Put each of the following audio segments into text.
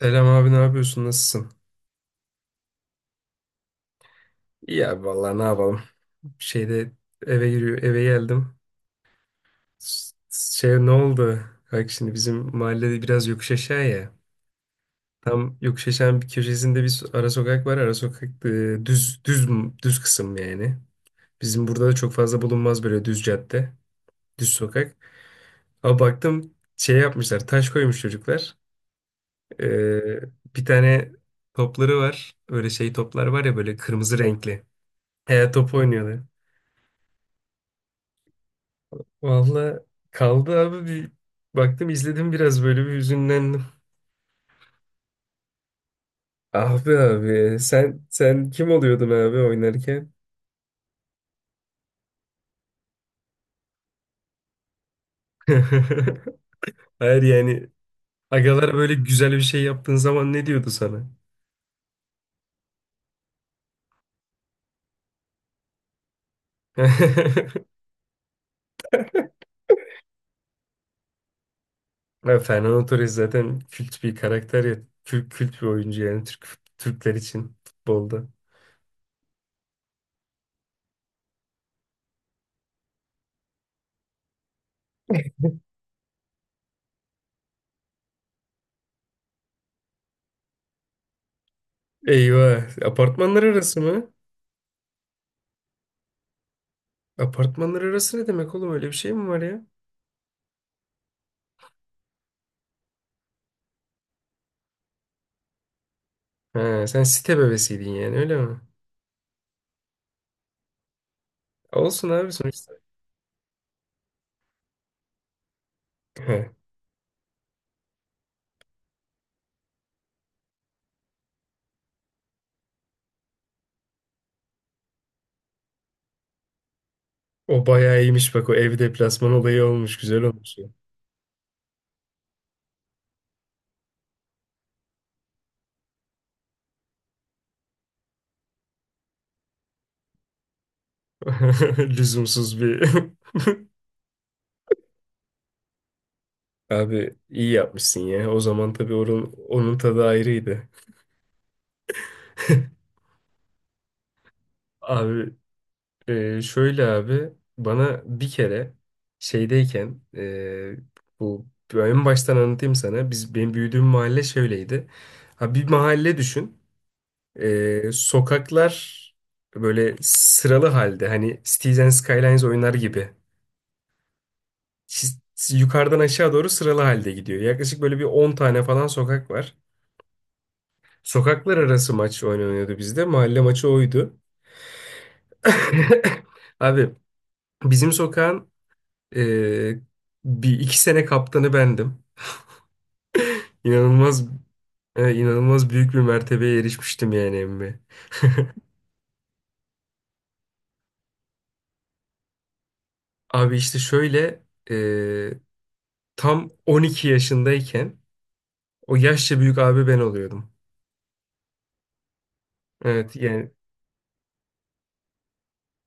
Selam abi ne yapıyorsun, nasılsın? İyi abi vallahi ne yapalım. Şeyde eve giriyor, eve geldim. S- Şey, ne oldu? Bak şimdi bizim mahallede biraz yokuş aşağı ya. Tam yokuş aşağının bir köşesinde bir ara sokak var. Ara sokak, düz düz kısım yani. Bizim burada da çok fazla bulunmaz böyle düz cadde, düz sokak. Ama baktım şey yapmışlar, taş koymuş çocuklar. E, bir tane topları var. Öyle şey toplar var ya, böyle kırmızı renkli. He, top oynuyorlar. Valla kaldı abi, bir baktım, izledim biraz, böyle bir hüzünlendim. Abi abi, sen kim oluyordun abi oynarken? Hayır yani agalar böyle güzel bir şey yaptığın zaman ne diyordu sana? Ya Fernando Torres zaten kült bir karakter ya. Kült, kült bir oyuncu yani Türkler için futbolda. Eyvah. Apartmanlar arası mı? Apartmanlar arası ne demek oğlum? Öyle bir şey mi var ya? Ha, sen site bebesiydin yani, öyle mi? Olsun abi, sonuçta. O bayağı iyiymiş bak, o ev deplasman olayı olmuş, güzel olmuş ya. Lüzumsuz bir. Abi iyi yapmışsın ya. O zaman tabii onun, onun tadı ayrıydı. Abi, şöyle abi, bana bir kere şeydeyken, bu, en baştan anlatayım sana. Biz, benim büyüdüğüm mahalle şöyleydi. Ha, bir mahalle düşün. Sokaklar böyle sıralı halde, hani Cities and Skylines oynar gibi. Çiz- yukarıdan aşağı doğru sıralı halde gidiyor. Yaklaşık böyle bir 10 tane falan sokak var. Sokaklar arası maç oynanıyordu bizde. Mahalle maçı oydu. Abi bizim sokağın e, bir iki sene kaptanı bendim. İnanılmaz, inanılmaz büyük bir mertebeye erişmiştim yani emmi. Abi işte şöyle, e, tam 12 yaşındayken o yaşça büyük abi ben oluyordum. Evet yani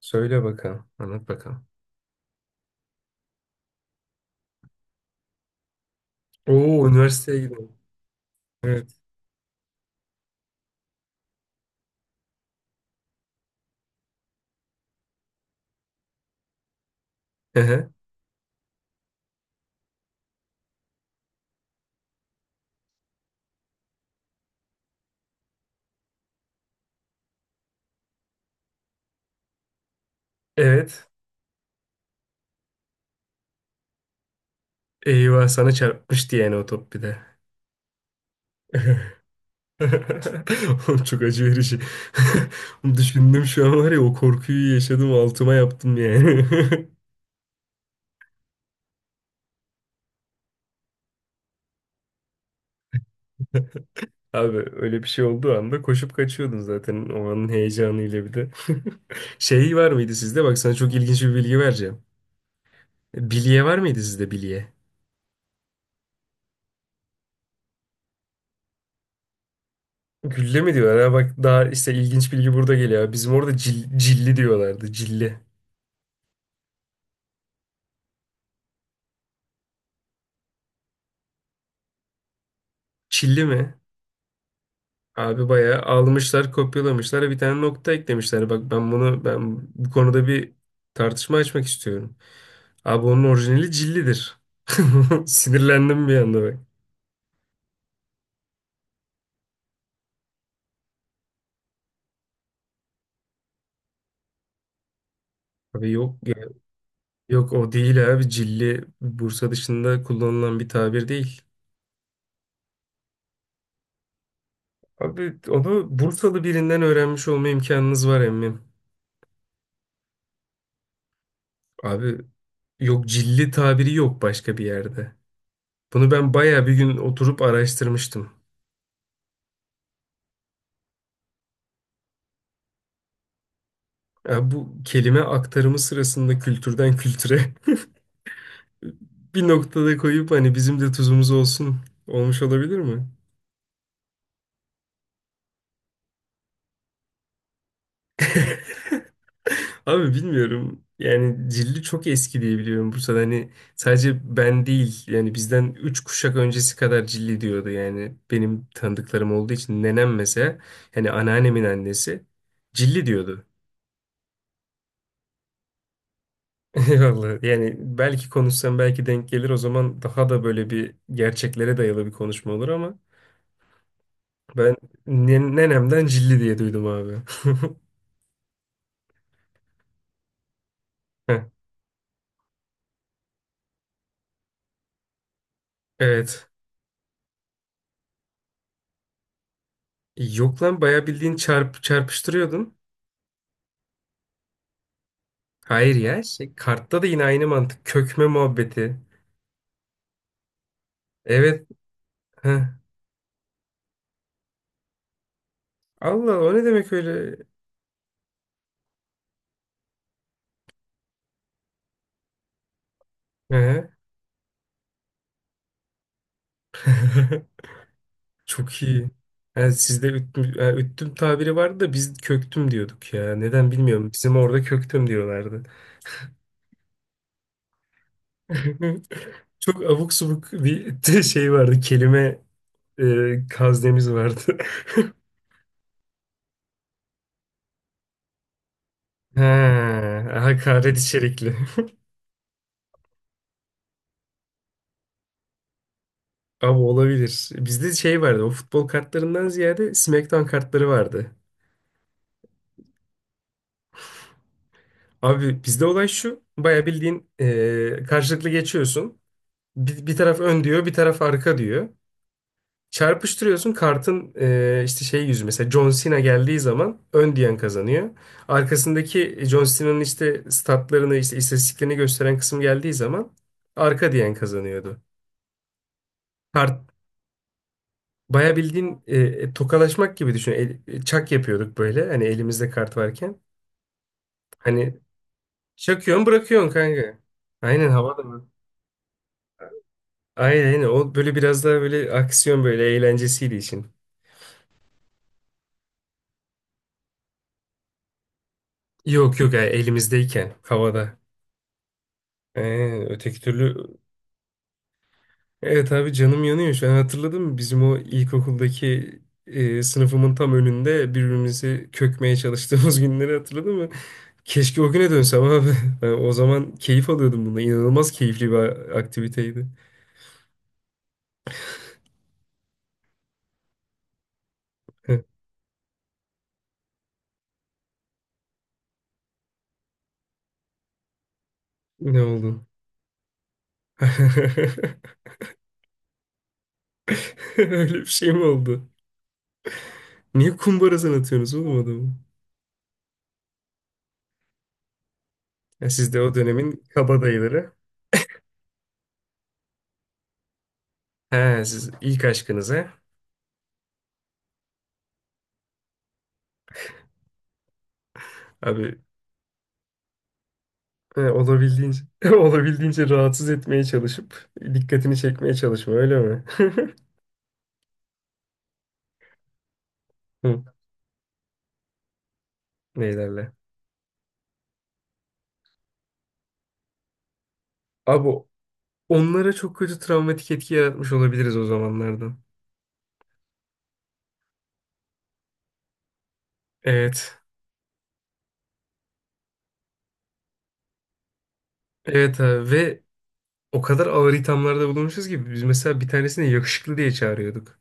söyle bakalım, anlat bakalım. Oo, üniversiteye gidiyorum. Hı hı. Evet. Eyvah, sana çarpmıştı yani o top bir de. Oğlum çok acı verici. Düşündüm şu an, var ya o korkuyu yaşadım, altıma yaptım yani. Abi öyle bir şey olduğu anda koşup kaçıyordun zaten, o anın heyecanıyla bir de. Şey, var mıydı sizde? Bak, sana çok ilginç bir bilgi vereceğim. Bilye var mıydı sizde, bilye? Gülle mi diyorlar, ha? Bak, daha işte ilginç bilgi burada geliyor. Bizim orada cilli diyorlardı. Cilli. Çilli mi? Abi bayağı almışlar, kopyalamışlar ve bir tane nokta eklemişler. Bak ben bunu, ben bu konuda bir tartışma açmak istiyorum. Abi onun orijinali cillidir. Sinirlendim bir anda bak. Abi yok ya. Yok, o değil abi. Cilli Bursa dışında kullanılan bir tabir değil. Abi onu Bursalı birinden öğrenmiş olma imkanınız var emmim. Abi, yok, cilli tabiri yok başka bir yerde. Bunu ben bayağı bir gün oturup araştırmıştım. Ya bu kelime aktarımı sırasında kültürden kültüre bir noktada koyup hani bizim de tuzumuz olsun olmuş olabilir mi? Abi bilmiyorum. Yani Cilli çok eski diye biliyorum Bursa'da. Hani sadece ben değil yani, bizden 3 kuşak öncesi kadar Cilli diyordu yani. Benim tanıdıklarım olduğu için nenem mesela, hani anneannemin annesi Cilli diyordu. Vallahi yani belki konuşsam belki denk gelir, o zaman daha da böyle bir gerçeklere dayalı bir konuşma olur ama ben nenemden cilli diye duydum abi. Heh. Evet. Yok lan, bayağı bildiğin çarpıştırıyordun. Hayır ya şey, kartta da yine aynı mantık. Kökme muhabbeti. Evet. Heh. Allah, o ne demek öyle? He. Çok iyi. Yani sizde üttüm, yani üttüm tabiri vardı da biz köktüm diyorduk ya. Neden bilmiyorum. Bizim orada köktüm diyorlardı. Çok abuk subuk bir şey vardı. Kelime, kaznemiz vardı. He, hakaret içerikli. Abi olabilir. Bizde şey vardı. O futbol kartlarından ziyade SmackDown kartları vardı. Abi bizde olay şu. Baya bildiğin, karşılıklı geçiyorsun. Bir, bir taraf ön diyor, bir taraf arka diyor. Çarpıştırıyorsun. Kartın, işte şey yüzü. Mesela John Cena geldiği zaman ön diyen kazanıyor. Arkasındaki John Cena'nın işte statlarını, işte istatistiklerini gösteren kısım geldiği zaman arka diyen kazanıyordu. Baya bildiğin, tokalaşmak gibi düşün. Çak yapıyorduk böyle. Hani elimizde kart varken. Hani çakıyorsun, bırakıyorsun kanka. Aynen, havada mı? Aynen aynen. O böyle biraz daha böyle aksiyon, böyle eğlencesiydi için. Yok yok, yani elimizdeyken havada. Öteki türlü. Evet abi canım yanıyor şu an, hatırladım. Bizim o ilkokuldaki, sınıfımın tam önünde birbirimizi kökmeye çalıştığımız günleri hatırladın mı? Keşke o güne dönsem abi. Ben o zaman keyif alıyordum bunda, İnanılmaz keyifli bir aktiviteydi. Ne oldu? Öyle bir şey mi oldu? Niye kumbarasını atıyorsunuz oğlum adamı? Ya siz de o dönemin kabadayıları. He, siz ilk aşkınıza. Abi he, olabildiğince olabildiğince rahatsız etmeye çalışıp dikkatini çekmeye çalışma, öyle mi? Hı. Ne derler? Abi onlara çok kötü travmatik etki yaratmış olabiliriz o zamanlardan. Evet. Evet abi, ve o kadar ağır ithamlarda bulunmuşuz ki biz, mesela bir tanesini yakışıklı diye çağırıyorduk.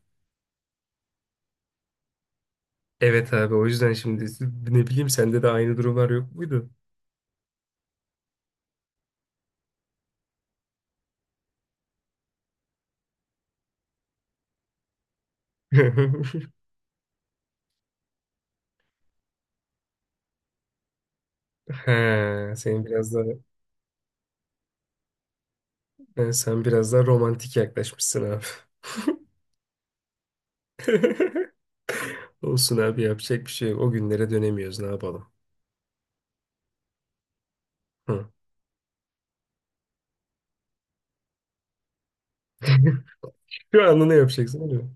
Evet abi, o yüzden şimdi, ne bileyim, sende de aynı durumlar yok muydu? He, sen biraz daha he, sen biraz daha romantik yaklaşmışsın abi. Olsun abi, yapacak bir şey yok. O günlere dönemiyoruz, ne yapalım. Hı. Şu anda ne yapacaksın, değil mi?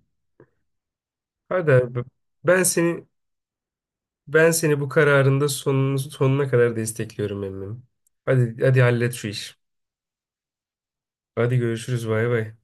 Hadi abi, ben seni ben seni bu kararında sonunu, sonuna kadar destekliyorum emmim. Hadi hadi, hallet şu işi. Hadi görüşürüz, bay bay.